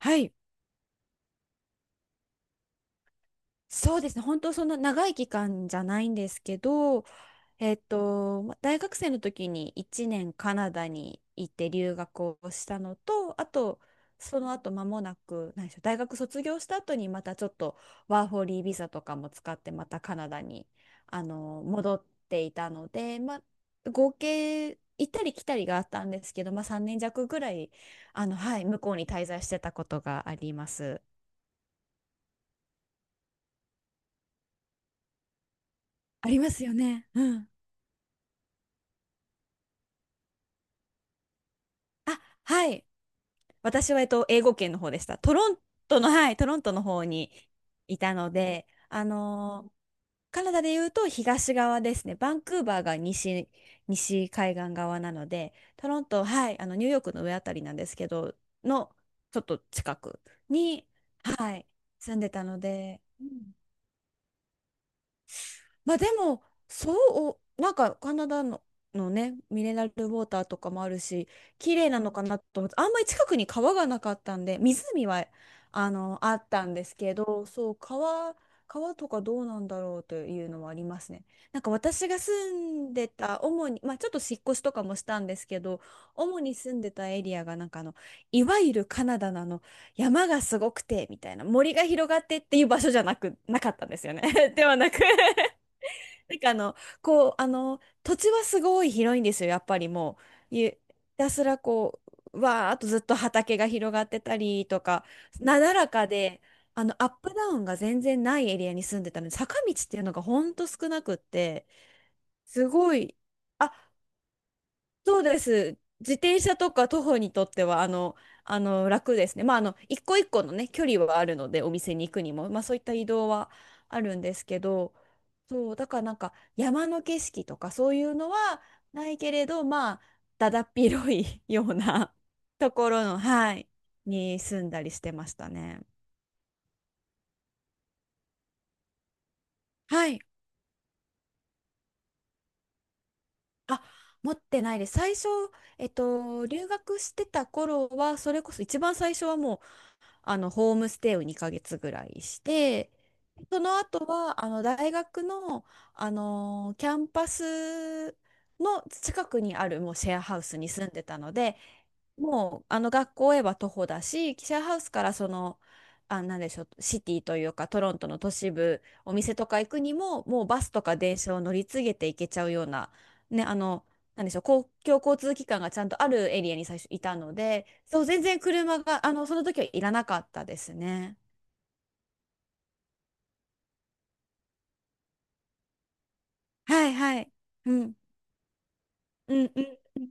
はい。そうですね。本当そんな長い期間じゃないんですけど、大学生の時に1年カナダに行って留学をしたのと、あと、その後間もなく、何でしょう、大学卒業した後にまたちょっとワーホリービザとかも使ってまたカナダに戻っていたので、まあ、合計行ったり来たりがあったんですけど、まあ、3年弱ぐらいはい、向こうに滞在してたことがあります。ありますよね。うん。あ、はい。私は、英語圏の方でした。トロントの、はい、トロントの方にいたので、カナダで言うと東側ですね。バンクーバーが西、西海岸側なので、トロント、はい、ニューヨークの上あたりなんですけど、の、ちょっと近くに、はい、住んでたので、うん。まあでも、そう、カナダの、のね、ミネラルウォーターとかもあるし、綺麗なのかなと思って、あんまり近くに川がなかったんで、湖はあの、あったんですけど、そう、川とかどうなんだろうというのはありますね。なんか私が住んでた、主に、まあちょっと引っ越しとかもしたんですけど、主に住んでたエリアがなんかいわゆるカナダなの、山がすごくてみたいな森が広がってっていう場所じゃなくなかったんですよね ではなく、なんか土地はすごい広いんですよ、やっぱりもう。たすらこう、わーっとずっと畑が広がってたりとか、なだらかで、アップダウンが全然ないエリアに住んでたので、坂道っていうのがほんと少なくって、すごい、あ、そうです。自転車とか徒歩にとっては楽ですね。まあ、あの一個一個のね距離はあるのでお店に行くにも、まあ、そういった移動はあるんですけど、そうだからなんか山の景色とかそういうのはないけれど、まあだだっ広い ような ところの、はい、に住んだりしてましたね。はい。あ、持ってないです。最初、留学してた頃は、それこそ一番最初はもうあのホームステイを2ヶ月ぐらいして、その後はあの大学の、あのキャンパスの近くにあるもうシェアハウスに住んでたので、もうあの学校へは徒歩だし、記者ハウスからその、あ、なんでしょう、シティというかトロントの都市部、お店とか行くにも、もうバスとか電車を乗り継げて行けちゃうような、ね、なんでしょう、公共交通機関がちゃんとあるエリアに最初いたので、そう、全然車が、その時はいらなかったですね。はいはい。うん。うんうんうん。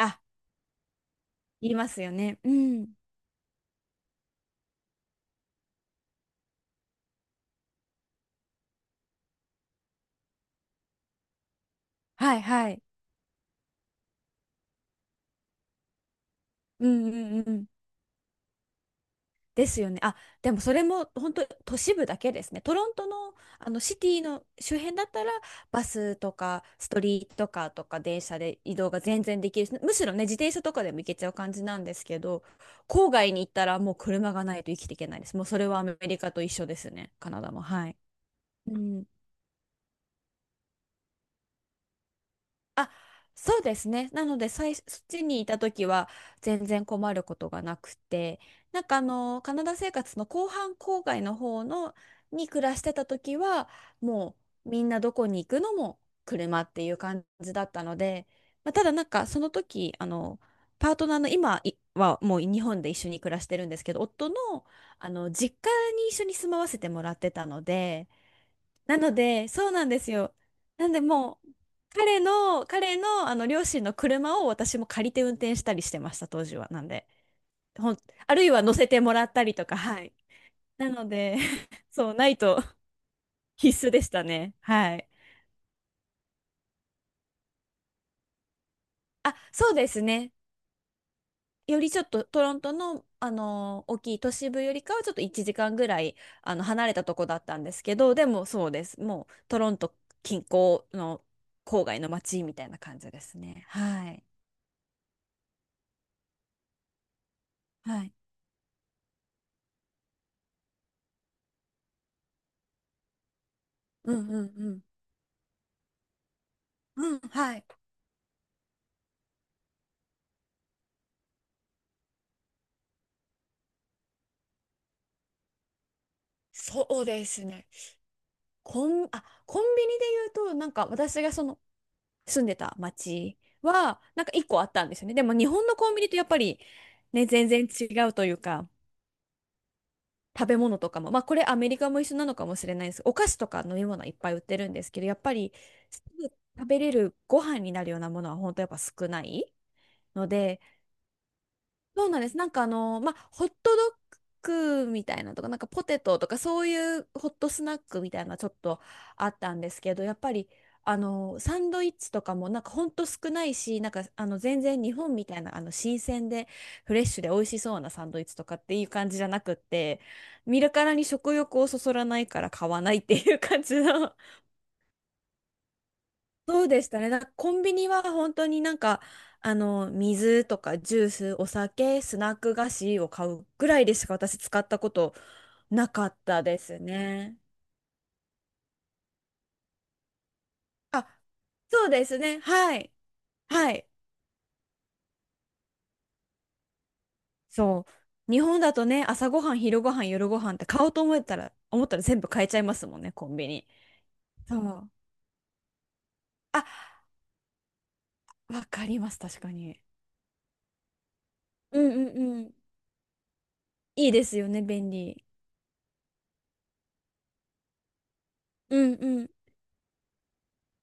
あ、言いますよね。うん。はいはい。うんうんうん。ですよね。あ、でもそれも本当都市部だけですね。トロントの、あのシティの周辺だったらバスとかストリートカーとか電車で移動が全然できるし、むしろね、自転車とかでも行けちゃう感じなんですけど、郊外に行ったらもう車がないと生きていけないです。もうそれはアメリカと一緒ですね。カナダも。はい。うん。あ、そうですね。なので、最そっちにいた時は全然困ることがなくて、なんかカナダ生活の後半郊外の方のに暮らしてた時は、もうみんなどこに行くのも車っていう感じだったので、まあ、ただなんかその時、パートナーの今いはもう日本で一緒に暮らしてるんですけど、夫の、あの実家に一緒に住まわせてもらってたので、なので、そうなんですよ。なんでもう、彼の、両親の車を私も借りて運転したりしてました、当時は。なんで、ほん、あるいは乗せてもらったりとか、はい。なので、そう、ないと必須でしたね。はい。あ、そうですね。よりちょっとトロントの、大きい都市部よりかはちょっと1時間ぐらい、離れたとこだったんですけど、でもそうです。もう、トロント近郊の郊外の街みたいな感じですね。はい。はい。うんうんうん。うん、はい。そうですね。コンビニで言うと、なんか私がその住んでた町は、なんか一個あったんですよね。でも日本のコンビニとやっぱりね、全然違うというか、食べ物とかも、まあこれアメリカも一緒なのかもしれないです。お菓子とか飲み物はいっぱい売ってるんですけど、やっぱりすぐ食べれるご飯になるようなものは本当やっぱ少ないので、そうなんです。なんかまあ、ホットドッグみたいなとか、なんかポテトとか、そういうホットスナックみたいなちょっとあったんですけど、やっぱり、サンドイッチとかも、なんかほんと少ないし、なんか、全然日本みたいな、新鮮で、フレッシュで美味しそうなサンドイッチとかっていう感じじゃなくって、見るからに食欲をそそらないから買わないっていう感じの そうでしたね。だからコンビニは本当になんか、水とかジュース、お酒、スナック菓子を買うぐらいでしか私使ったことなかったですね。あ、そうですね。はい。はい。そう。日本だとね、朝ごはん、昼ごはん、夜ごはんって買おうと思ったら全部買えちゃいますもんね、コンビニ。そう。あ、わかります、確かに。うんうんうん。いいですよね、便利。うんうん。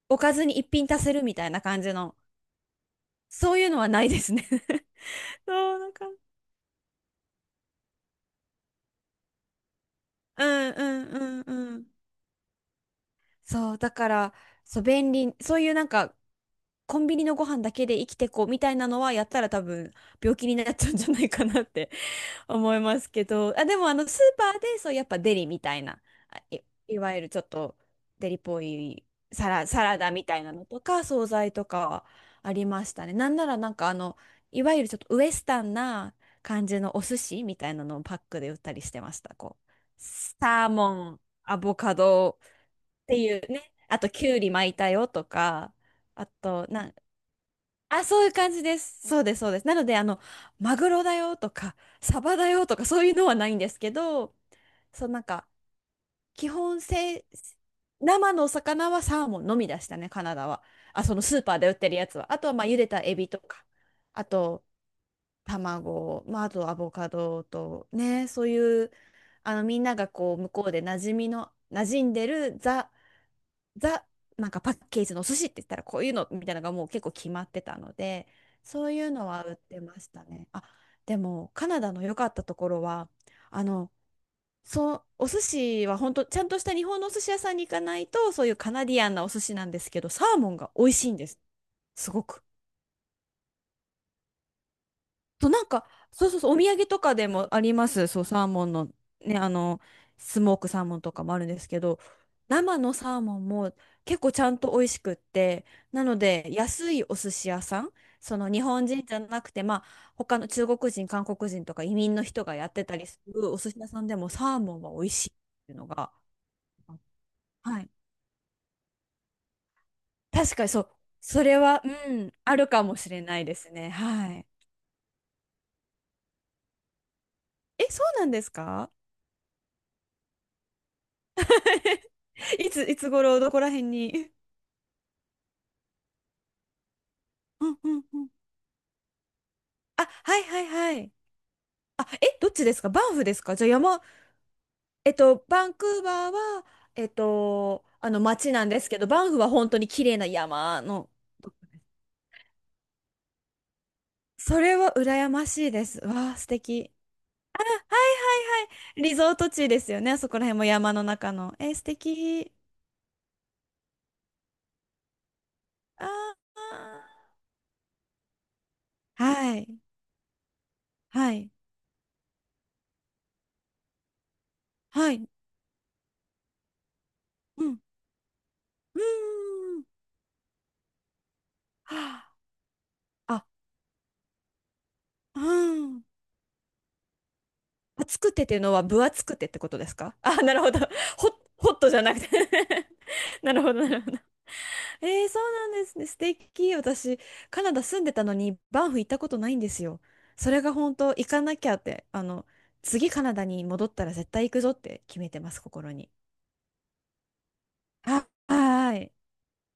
おかずに一品足せるみたいな感じの。そういうのはないですね そう、なんか、うんうんうんうん。そう、だから、そう、便利、そういうなんか、コンビニのご飯だけで生きてこうみたいなのはやったら多分病気になっちゃうんじゃないかなって思いますけど、あ、でもあのスーパーでそうやっぱデリみたいな、あい、いわゆるちょっとデリっぽいサラダみたいなのとか惣菜とかはありましたね。なんならなんかあのいわゆるちょっとウエスタンな感じのお寿司みたいなのをパックで売ったりしてました。こうサーモン、アボカドっていうね、あときゅうり巻いたよとか、あとな、あ、そういう感じです。そうです、そうです。なので、マグロだよとか、サバだよとか、そういうのはないんですけど、そう、なんか、基本せ、生のお魚はサーモンのみでしたね、カナダは。あ、そのスーパーで売ってるやつは。あとは、まあ、茹でたエビとか、あと、卵、まあ、あとアボカドと、ね、そういう、みんながこう、向こうで馴染んでるザ、なんかパッケージのお寿司って言ったらこういうのみたいなのがもう結構決まってたので、そういうのは売ってましたね。あ、でもカナダの良かったところは、あの、そう、お寿司は本当ちゃんとした日本のお寿司屋さんに行かないと、そういうカナディアンなお寿司なんですけど、サーモンが美味しいんです。すごく。と、なんか、そうそうそう、お土産とかでもあります。そう、サーモンの、ね、スモークサーモンとかもあるんですけど、生のサーモンも結構ちゃんと美味しくって、なので、安いお寿司屋さん、その日本人じゃなくて、まあ、他の中国人、韓国人とか移民の人がやってたりするお寿司屋さんでもサーモンは美味しいっていうのが、はい。確かにそう、それは、うん、あるかもしれないですね。はい。え、そうなんですか？ いつ、いつ頃、どこら辺に？うんうんうん。あ、はいはいはい。あ、え、どっちですか？バンフですか？じゃあ山、バンクーバーは、あの街なんですけど、バンフは本当に綺麗な山の。それは羨ましいです。わあ、素敵。リゾート地ですよね。あそこら辺も山の中の。えー、素敵。あー、はい。はい。はい。うん。うーん。はあ、あ、うん。厚くてっていうのは分厚くてってことですか？ あ、なるほど。ホッ、ホットじゃなくて なるほど、なるほど。えー、そうなんですね。素敵。私、カナダ住んでたのに、バンフ行ったことないんですよ。それが本当、行かなきゃって、次カナダに戻ったら絶対行くぞって決めてます、心に。あ、はーい。